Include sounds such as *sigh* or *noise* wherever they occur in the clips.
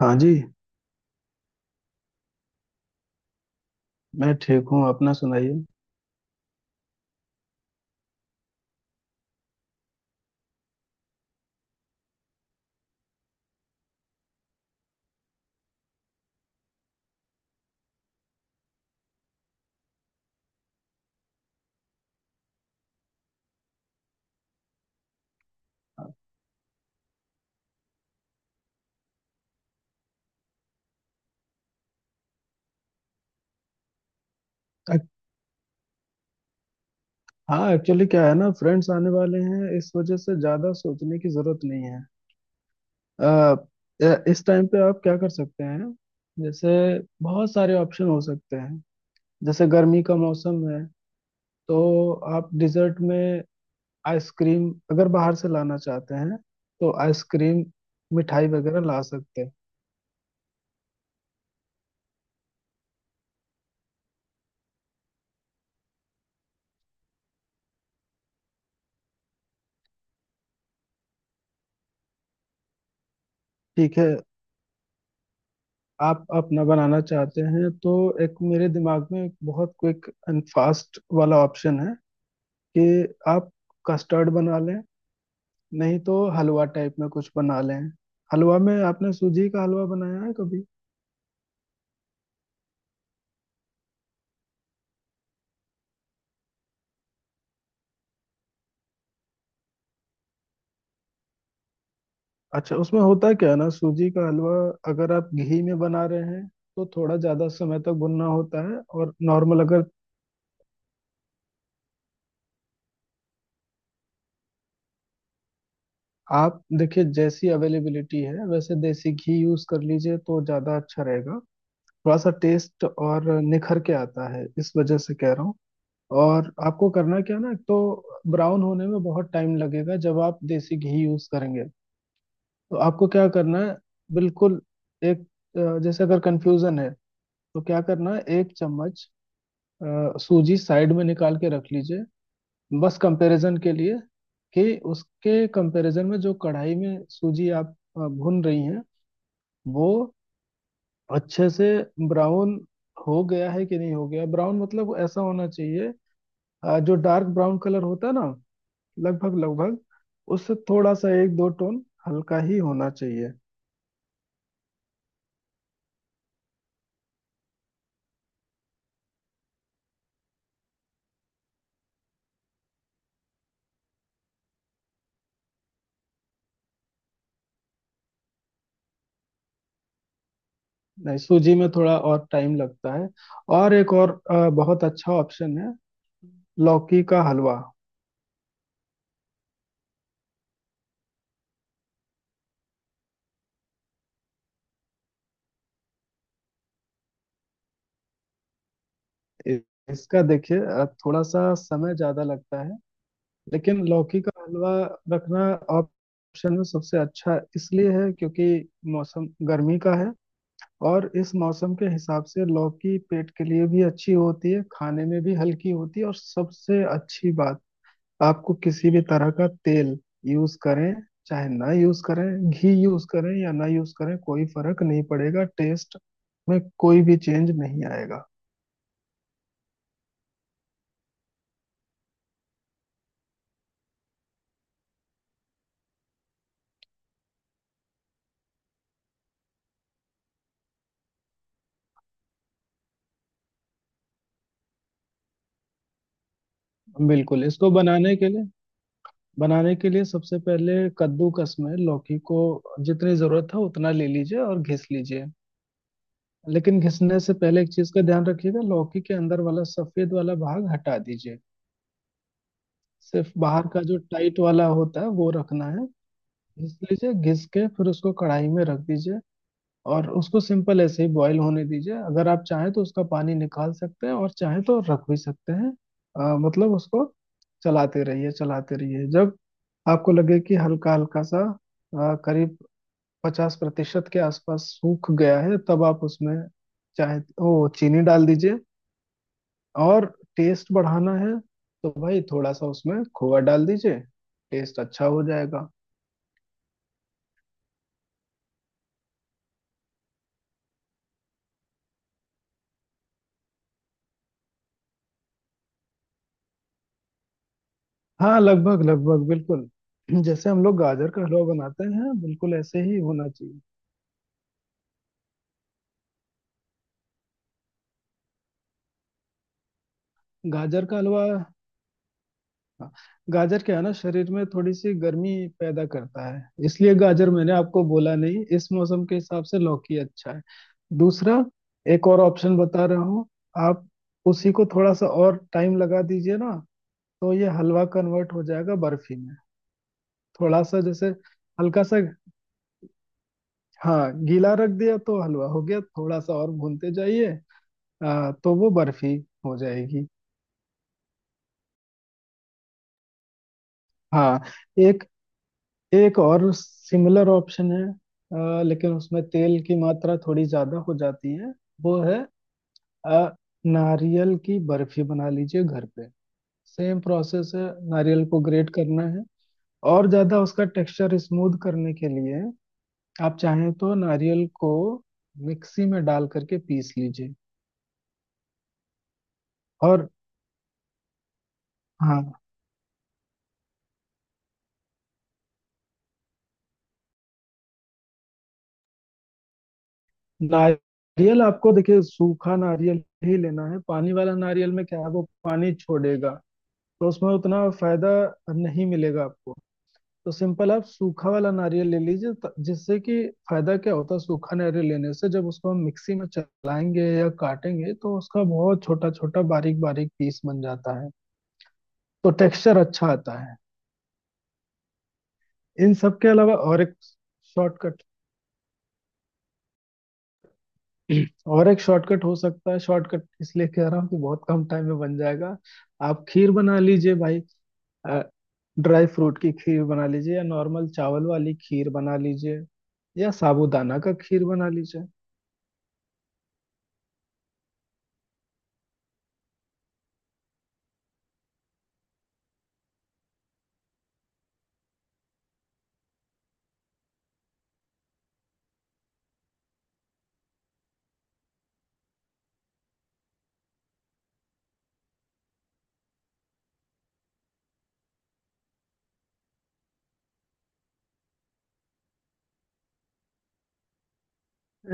हाँ जी। मैं ठीक हूँ अपना सुनाइए। अ- हाँ एक्चुअली क्या है ना फ्रेंड्स आने वाले हैं इस वजह से ज्यादा सोचने की जरूरत नहीं है। अ, इस टाइम पे आप क्या कर सकते हैं। जैसे बहुत सारे ऑप्शन हो सकते हैं। जैसे गर्मी का मौसम है तो आप डिजर्ट में आइसक्रीम अगर बाहर से लाना चाहते हैं तो आइसक्रीम मिठाई वगैरह ला सकते हैं। ठीक है। आप अपना बनाना चाहते हैं तो एक मेरे दिमाग में एक बहुत क्विक एंड फास्ट वाला ऑप्शन है कि आप कस्टर्ड बना लें, नहीं तो हलवा टाइप में कुछ बना लें। हलवा में आपने सूजी का हलवा बनाया है कभी? अच्छा उसमें होता क्या है ना सूजी का हलवा अगर आप घी में बना रहे हैं तो थोड़ा ज्यादा समय तक भुनना होता है। और नॉर्मल अगर आप देखिए जैसी अवेलेबिलिटी है वैसे देसी घी यूज कर लीजिए तो ज्यादा अच्छा रहेगा। थोड़ा सा टेस्ट और निखर के आता है इस वजह से कह रहा हूँ। और आपको करना क्या है ना एक तो ब्राउन होने में बहुत टाइम लगेगा जब आप देसी घी यूज करेंगे। तो आपको क्या करना है बिल्कुल एक जैसे अगर कंफ्यूजन है तो क्या करना है एक चम्मच सूजी साइड में निकाल के रख लीजिए, बस कंपैरिजन के लिए। कि उसके कंपैरिजन में जो कढ़ाई में सूजी आप भून रही हैं वो अच्छे से ब्राउन हो गया है कि नहीं हो गया। ब्राउन मतलब ऐसा होना चाहिए, जो डार्क ब्राउन कलर होता है ना लगभग लगभग उससे थोड़ा सा एक दो टोन हल्का ही होना चाहिए। नहीं सूजी में थोड़ा और टाइम लगता है। और एक और बहुत अच्छा ऑप्शन है लौकी का हलवा। इ- इसका देखिए थोड़ा सा समय ज्यादा लगता है, लेकिन लौकी का हलवा रखना ऑप्शन में सबसे अच्छा इसलिए है क्योंकि मौसम गर्मी का है और इस मौसम के हिसाब से लौकी पेट के लिए भी अच्छी होती है, खाने में भी हल्की होती है। और सबसे अच्छी बात आपको किसी भी तरह का तेल यूज करें चाहे ना यूज करें, घी यूज करें या ना यूज करें, कोई फर्क नहीं पड़ेगा। टेस्ट में कोई भी चेंज नहीं आएगा। बिल्कुल। इसको बनाने के लिए सबसे पहले कद्दूकस में लौकी को जितनी जरूरत है उतना ले लीजिए और घिस लीजिए। लेकिन घिसने से पहले एक चीज का ध्यान रखिएगा, लौकी के अंदर वाला सफेद वाला भाग हटा दीजिए। सिर्फ बाहर का जो टाइट वाला होता है वो रखना है। घिस लीजिए, घिस के फिर उसको कढ़ाई में रख दीजिए। और उसको सिंपल ऐसे ही बॉईल होने दीजिए। अगर आप चाहें तो उसका पानी निकाल सकते हैं और चाहें तो रख भी सकते हैं। मतलब उसको चलाते रहिए चलाते रहिए, जब आपको लगे कि हल्का हल्का सा करीब 50% के आसपास सूख गया है तब आप उसमें चाहे तो चीनी डाल दीजिए। और टेस्ट बढ़ाना है तो भाई थोड़ा सा उसमें खोआ डाल दीजिए। टेस्ट अच्छा हो जाएगा। हाँ लगभग लगभग बिल्कुल। *clears throat* जैसे हम लोग गाजर का हलवा बनाते हैं बिल्कुल ऐसे ही होना चाहिए गाजर का हलवा। हाँ, गाजर क्या है ना शरीर में थोड़ी सी गर्मी पैदा करता है, इसलिए गाजर मैंने आपको बोला नहीं। इस मौसम के हिसाब से लौकी अच्छा है। दूसरा एक और ऑप्शन बता रहा हूँ। आप उसी को थोड़ा सा और टाइम लगा दीजिए ना, तो ये हलवा कन्वर्ट हो जाएगा बर्फी में। थोड़ा सा जैसे हल्का सा, हाँ गीला रख दिया तो हलवा हो गया, थोड़ा सा और भूनते जाइए तो वो बर्फी हो जाएगी। हाँ। एक एक और सिमिलर ऑप्शन है, लेकिन उसमें तेल की मात्रा थोड़ी ज्यादा हो जाती है। वो है आ, नारियल की बर्फी बना लीजिए घर पे। सेम प्रोसेस है। नारियल को ग्रेट करना है। और ज्यादा उसका टेक्सचर स्मूथ करने के लिए आप चाहें तो नारियल को मिक्सी में डाल करके पीस लीजिए। और हाँ, नारियल आपको देखिए सूखा नारियल ही लेना है। पानी वाला नारियल में क्या है, वो पानी छोड़ेगा तो उसमें उतना फायदा नहीं मिलेगा आपको। तो सिंपल आप सूखा वाला नारियल ले लीजिए, जिससे कि फायदा क्या होता है सूखा नारियल लेने से जब उसको हम मिक्सी में चलाएंगे या काटेंगे तो उसका बहुत छोटा छोटा बारीक बारीक पीस बन जाता है। तो टेक्सचर अच्छा आता है। इन सब के अलावा और एक शॉर्टकट। *clears throat* और एक शॉर्टकट हो सकता है। शॉर्टकट इसलिए कह रहा हूँ कि बहुत कम टाइम में बन जाएगा। आप खीर बना लीजिए भाई। ड्राई फ्रूट की खीर बना लीजिए या नॉर्मल चावल वाली खीर बना लीजिए या साबूदाना का खीर बना लीजिए।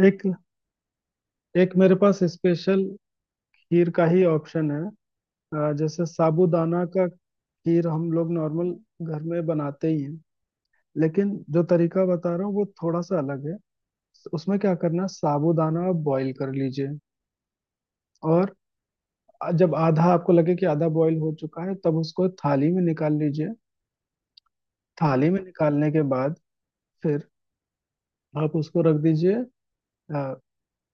एक एक मेरे पास स्पेशल खीर का ही ऑप्शन है। जैसे साबूदाना का खीर हम लोग नॉर्मल घर में बनाते ही हैं, लेकिन जो तरीका बता रहा हूँ वो थोड़ा सा अलग है। उसमें क्या करना है साबूदाना आप बॉईल कर लीजिए। और जब आधा आपको लगे कि आधा बॉईल हो चुका है तब उसको थाली में निकाल लीजिए। थाली में निकालने के बाद फिर आप उसको रख दीजिए। अ,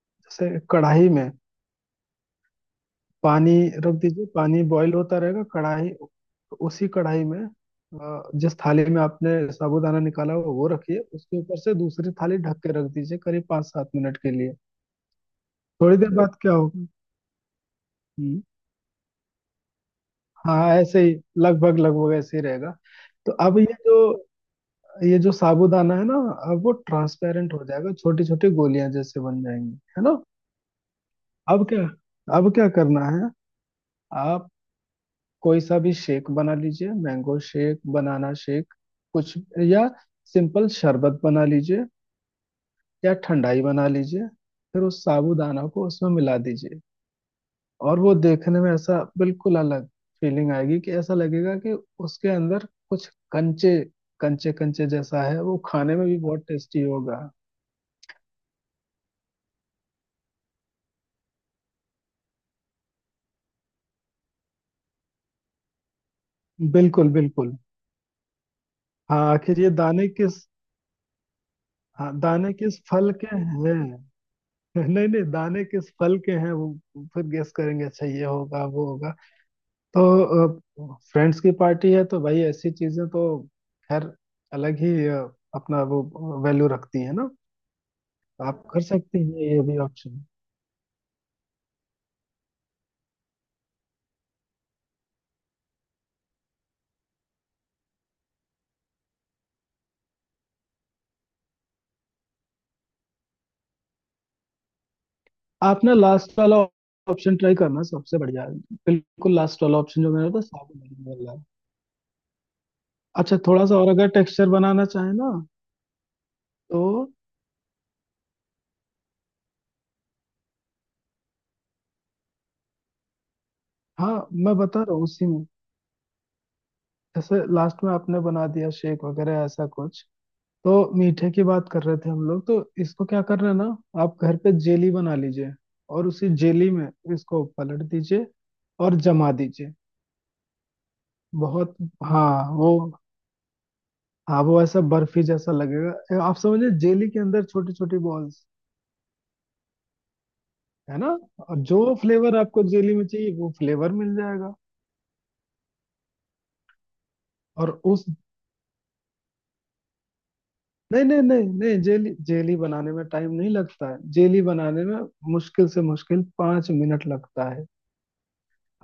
जैसे कढ़ाई में पानी रख दीजिए, पानी बॉईल होता रहेगा कढ़ाई उसी कढ़ाई में जिस थाली में आपने साबूदाना निकाला हुआ वो रखिए, उसके ऊपर से दूसरी थाली ढक के रख दीजिए करीब 5-7 मिनट के लिए। थोड़ी देर बाद क्या होगा। हम्म, हाँ ऐसे ही, लगभग लगभग ऐसे ही रहेगा। तो अब ये जो साबूदाना है ना, अब वो ट्रांसपेरेंट हो जाएगा, छोटी छोटी गोलियां जैसे बन जाएंगी, है ना। अब क्या अब क्या करना है, आप कोई सा भी शेक बना लीजिए। मैंगो शेक बनाना, शेक कुछ, या सिंपल शरबत बना लीजिए या ठंडाई बना लीजिए। फिर उस साबूदाना को उसमें मिला दीजिए। और वो देखने में ऐसा बिल्कुल अलग फीलिंग आएगी कि ऐसा लगेगा कि उसके अंदर कुछ कंचे कंचे कंचे जैसा है। वो खाने में भी बहुत टेस्टी होगा। बिल्कुल बिल्कुल। हाँ आखिर ये दाने किस हाँ, दाने किस फल के हैं? *laughs* नहीं नहीं दाने किस फल के हैं, वो फिर गेस करेंगे, अच्छा ये होगा वो होगा। तो फ्रेंड्स की पार्टी है तो भाई ऐसी चीजें तो खैर अलग ही अपना वो वैल्यू रखती है ना। आप कर सकती हैं ये भी ऑप्शन। आप ना लास्ट वाला ऑप्शन ट्राई करना सबसे बढ़िया है। बिल्कुल लास्ट वाला ऑप्शन जो मेरा था साबुन नहीं मिल रहा है। अच्छा थोड़ा सा और अगर टेक्सचर बनाना चाहे ना तो, हाँ मैं बता रहा हूँ उसी में। जैसे लास्ट में आपने बना दिया शेक वगैरह ऐसा कुछ, तो मीठे की बात कर रहे थे हम लोग तो इसको क्या करना ना, आप घर पे जेली बना लीजिए। और उसी जेली में इसको पलट दीजिए और जमा दीजिए। बहुत हाँ वो हाँ वो ऐसा बर्फी जैसा लगेगा। आप समझिए जेली के अंदर छोटी छोटी बॉल्स, है ना। और जो फ्लेवर आपको जेली में चाहिए वो फ्लेवर मिल जाएगा। और उस नहीं नहीं नहीं नहीं जेली जेली बनाने में टाइम नहीं लगता है। जेली बनाने में मुश्किल से मुश्किल 5 मिनट लगता है।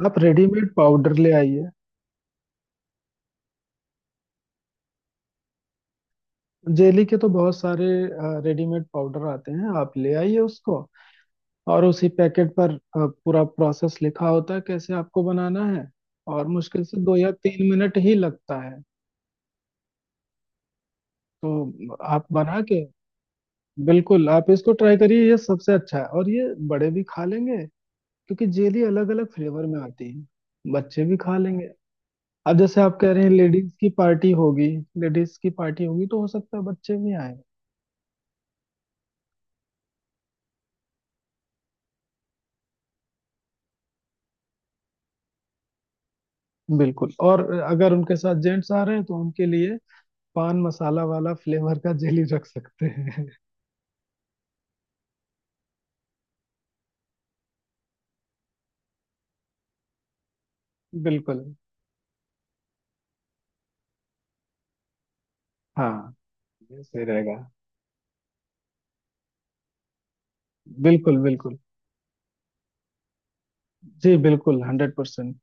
आप रेडीमेड पाउडर ले आइए। जेली के तो बहुत सारे रेडीमेड पाउडर आते हैं, आप ले आइए उसको। और उसी पैकेट पर पूरा प्रोसेस लिखा होता है कैसे आपको बनाना है। और मुश्किल से 2 या 3 मिनट ही लगता है। तो आप बना के बिल्कुल आप इसको ट्राई करिए। ये सबसे अच्छा है और ये बड़े भी खा लेंगे, क्योंकि जेली अलग अलग फ्लेवर में आती है बच्चे भी खा लेंगे। अब जैसे आप कह रहे हैं लेडीज की पार्टी होगी, तो हो सकता है बच्चे भी आए। बिल्कुल। और अगर उनके साथ जेंट्स आ रहे हैं तो उनके लिए पान मसाला वाला फ्लेवर का जेली रख सकते हैं। *laughs* बिल्कुल। हाँ ये सही रहेगा। बिल्कुल बिल्कुल जी बिल्कुल 100%।